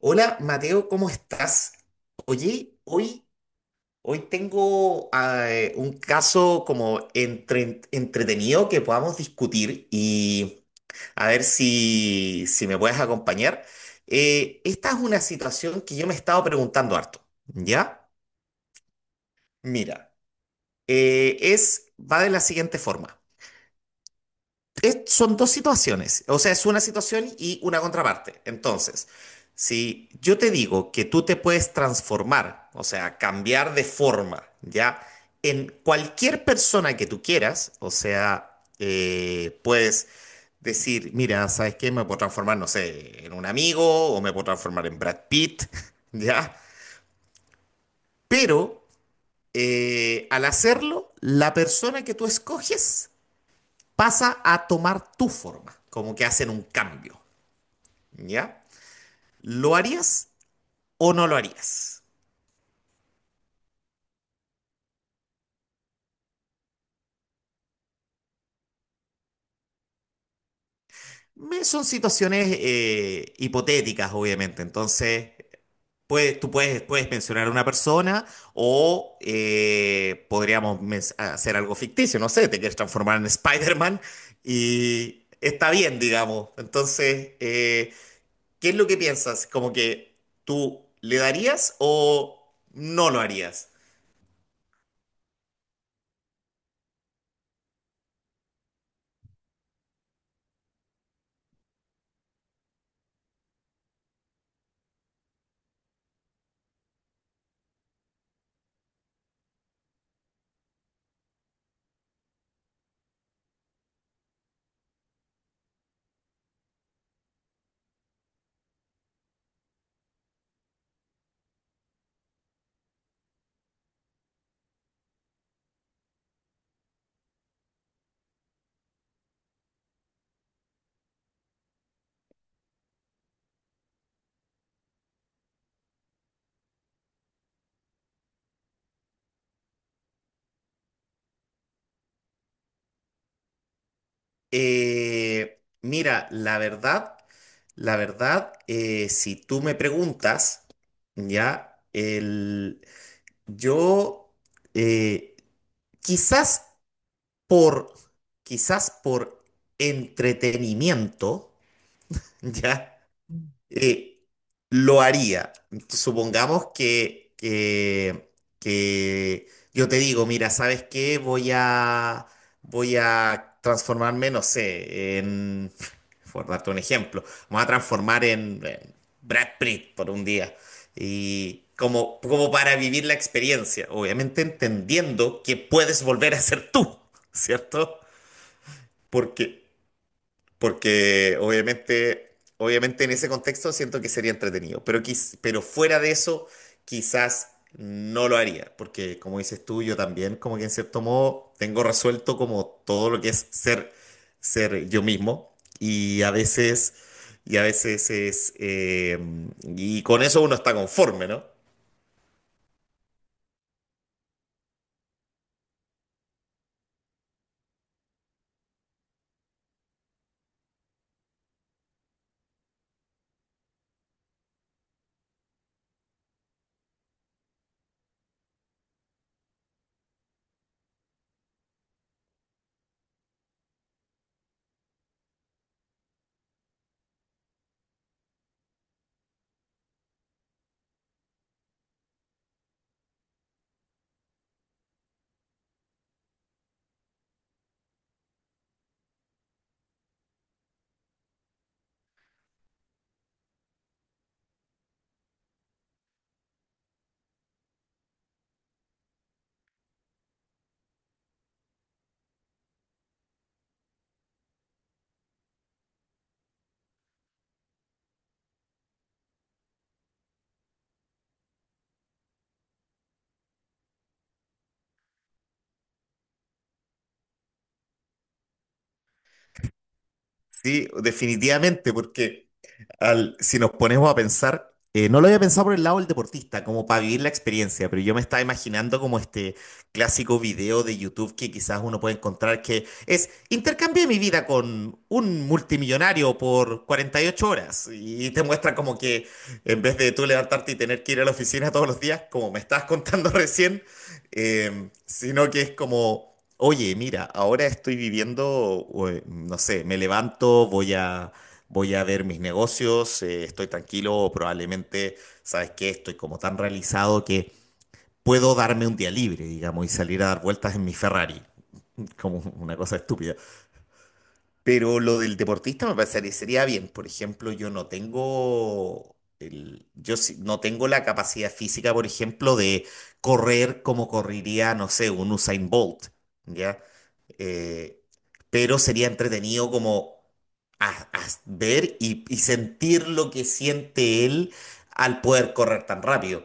Hola Mateo, ¿cómo estás? Oye, hoy, hoy tengo un caso como entretenido que podamos discutir y a ver si me puedes acompañar. Esta es una situación que yo me he estado preguntando harto, ¿ya? Mira, va de la siguiente forma. Son dos situaciones, o sea, es una situación y una contraparte. Entonces, si yo te digo que tú te puedes transformar, o sea, cambiar de forma, ¿ya? En cualquier persona que tú quieras, o sea, puedes decir, mira, ¿sabes qué? Me puedo transformar, no sé, en un amigo o me puedo transformar en Brad Pitt, ¿ya? Pero al hacerlo, la persona que tú escoges pasa a tomar tu forma, como que hacen un cambio, ¿ya? ¿Lo harías o no lo harías? Son situaciones hipotéticas, obviamente, entonces tú puedes, puedes mencionar a una persona o podríamos hacer algo ficticio, no sé, te quieres transformar en Spider-Man y está bien, digamos. Entonces, ¿qué es lo que piensas? ¿Como que tú le darías o no lo harías? Mira, la verdad, si tú me preguntas, ya, el, yo eh, quizás por, quizás por entretenimiento, ya eh, lo haría. Supongamos que yo te digo, mira, ¿sabes qué? Voy a transformarme, no sé, por darte un ejemplo, me voy a transformar en Brad Pitt por un día. Y como, como para vivir la experiencia, obviamente entendiendo que puedes volver a ser tú, ¿cierto? Porque porque obviamente en ese contexto siento que sería entretenido, pero, pero fuera de eso quizás no lo haría, porque como dices tú, yo también como que en cierto modo tengo resuelto como todo lo que es ser, ser yo mismo y a veces es, y con eso uno está conforme, ¿no? Sí, definitivamente, porque... Si nos ponemos a pensar, no lo había pensado por el lado del deportista, como para vivir la experiencia, pero yo me estaba imaginando como este clásico video de YouTube que quizás uno puede encontrar que es intercambié mi vida con un multimillonario por 48 horas y te muestra como que en vez de tú levantarte y tener que ir a la oficina todos los días, como me estabas contando recién, sino que es como... Oye, mira, ahora estoy viviendo, no sé, me levanto, Voy a ver mis negocios, estoy tranquilo, o probablemente, ¿sabes qué? Estoy como tan realizado que puedo darme un día libre, digamos, y salir a dar vueltas en mi Ferrari, como una cosa estúpida. Pero lo del deportista me parecería sería bien. Por ejemplo, yo no tengo la capacidad física, por ejemplo, de correr como correría, no sé, un Usain Bolt, ¿ya? Eh, pero sería entretenido como a ver y sentir lo que siente él al poder correr tan rápido.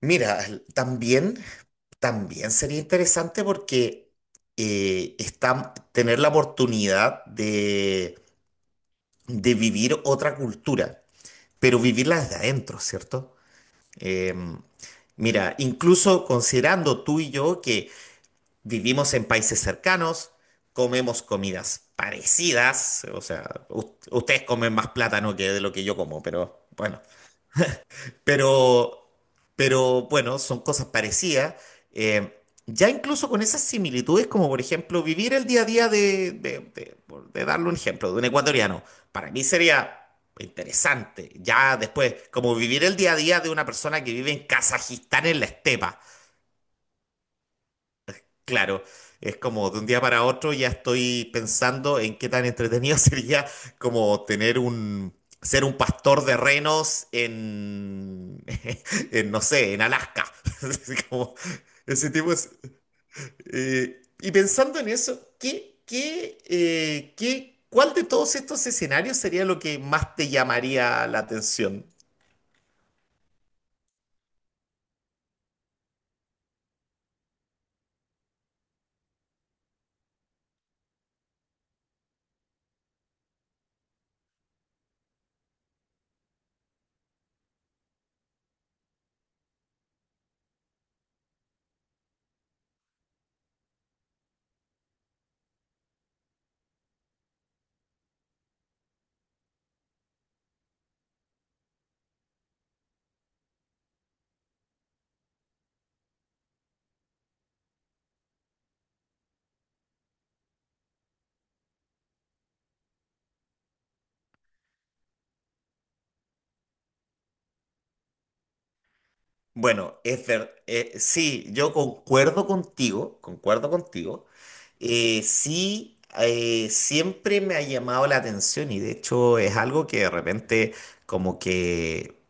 Mira, también, también sería interesante porque tener la oportunidad de vivir otra cultura, pero vivirla desde adentro, ¿cierto? Em, mira, incluso considerando tú y yo que vivimos en países cercanos, comemos comidas parecidas, o sea, ustedes comen más plátano que de lo que yo como, pero bueno, pero, pero bueno, son cosas parecidas. eh, ya incluso con esas similitudes, como por ejemplo vivir el día a día de darle un ejemplo, de un ecuatoriano, para mí sería interesante. Ya después, como vivir el día a día de una persona que vive en Kazajistán en la estepa. Claro, es como de un día para otro ya estoy pensando en qué tan entretenido sería como ser un pastor de renos en, no sé, en Alaska. Así como ese tipo es- y pensando en eso, ¿cuál de todos estos escenarios sería lo que más te llamaría la atención? Bueno, es ver, sí, yo concuerdo contigo. Sí, Siempre me ha llamado la atención y de hecho es algo que de repente como que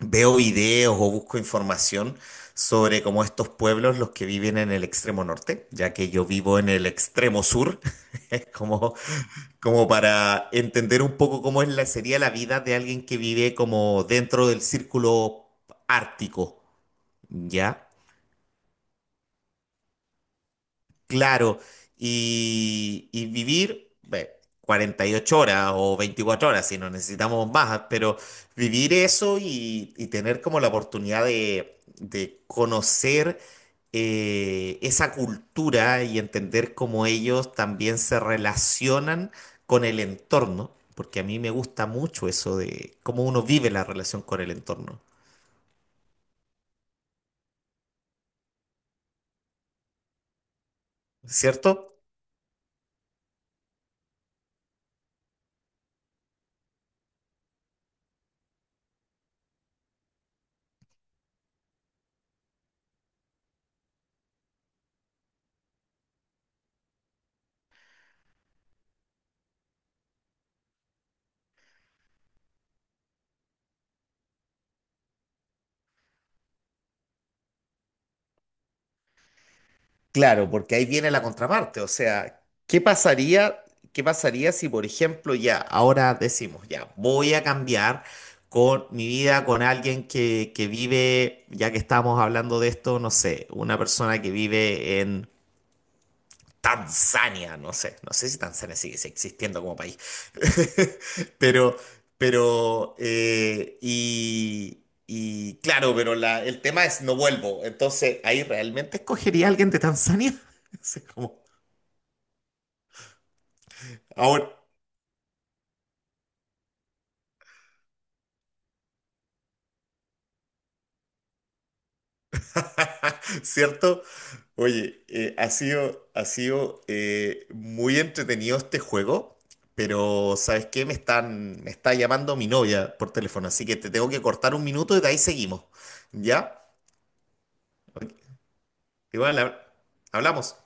veo videos o busco información sobre como estos pueblos, los que viven en el extremo norte, ya que yo vivo en el extremo sur, es como, como para entender un poco sería la vida de alguien que vive como dentro del círculo ártico. ¿Ya? Claro, y vivir 48 horas o 24 horas, si no necesitamos más, pero vivir eso y tener como la oportunidad de conocer esa cultura y entender cómo ellos también se relacionan con el entorno, porque a mí me gusta mucho eso de cómo uno vive la relación con el entorno, ¿cierto? Claro, porque ahí viene la contraparte. O sea, ¿qué pasaría si, por ejemplo, ya ahora decimos, ya voy a cambiar con mi vida con alguien que vive, ya que estamos hablando de esto, no sé, una persona que vive en Tanzania, no sé, no sé si Tanzania sigue existiendo como país, pero, y claro, pero el tema es no vuelvo, entonces ahí realmente escogería a alguien de Tanzania, así como, ahora, ¿cierto? Oye, ha sido muy entretenido este juego, pero ¿sabes qué? Me está llamando mi novia por teléfono, así que te tengo que cortar un minuto y de ahí seguimos, ¿ya? Ok, igual hablamos.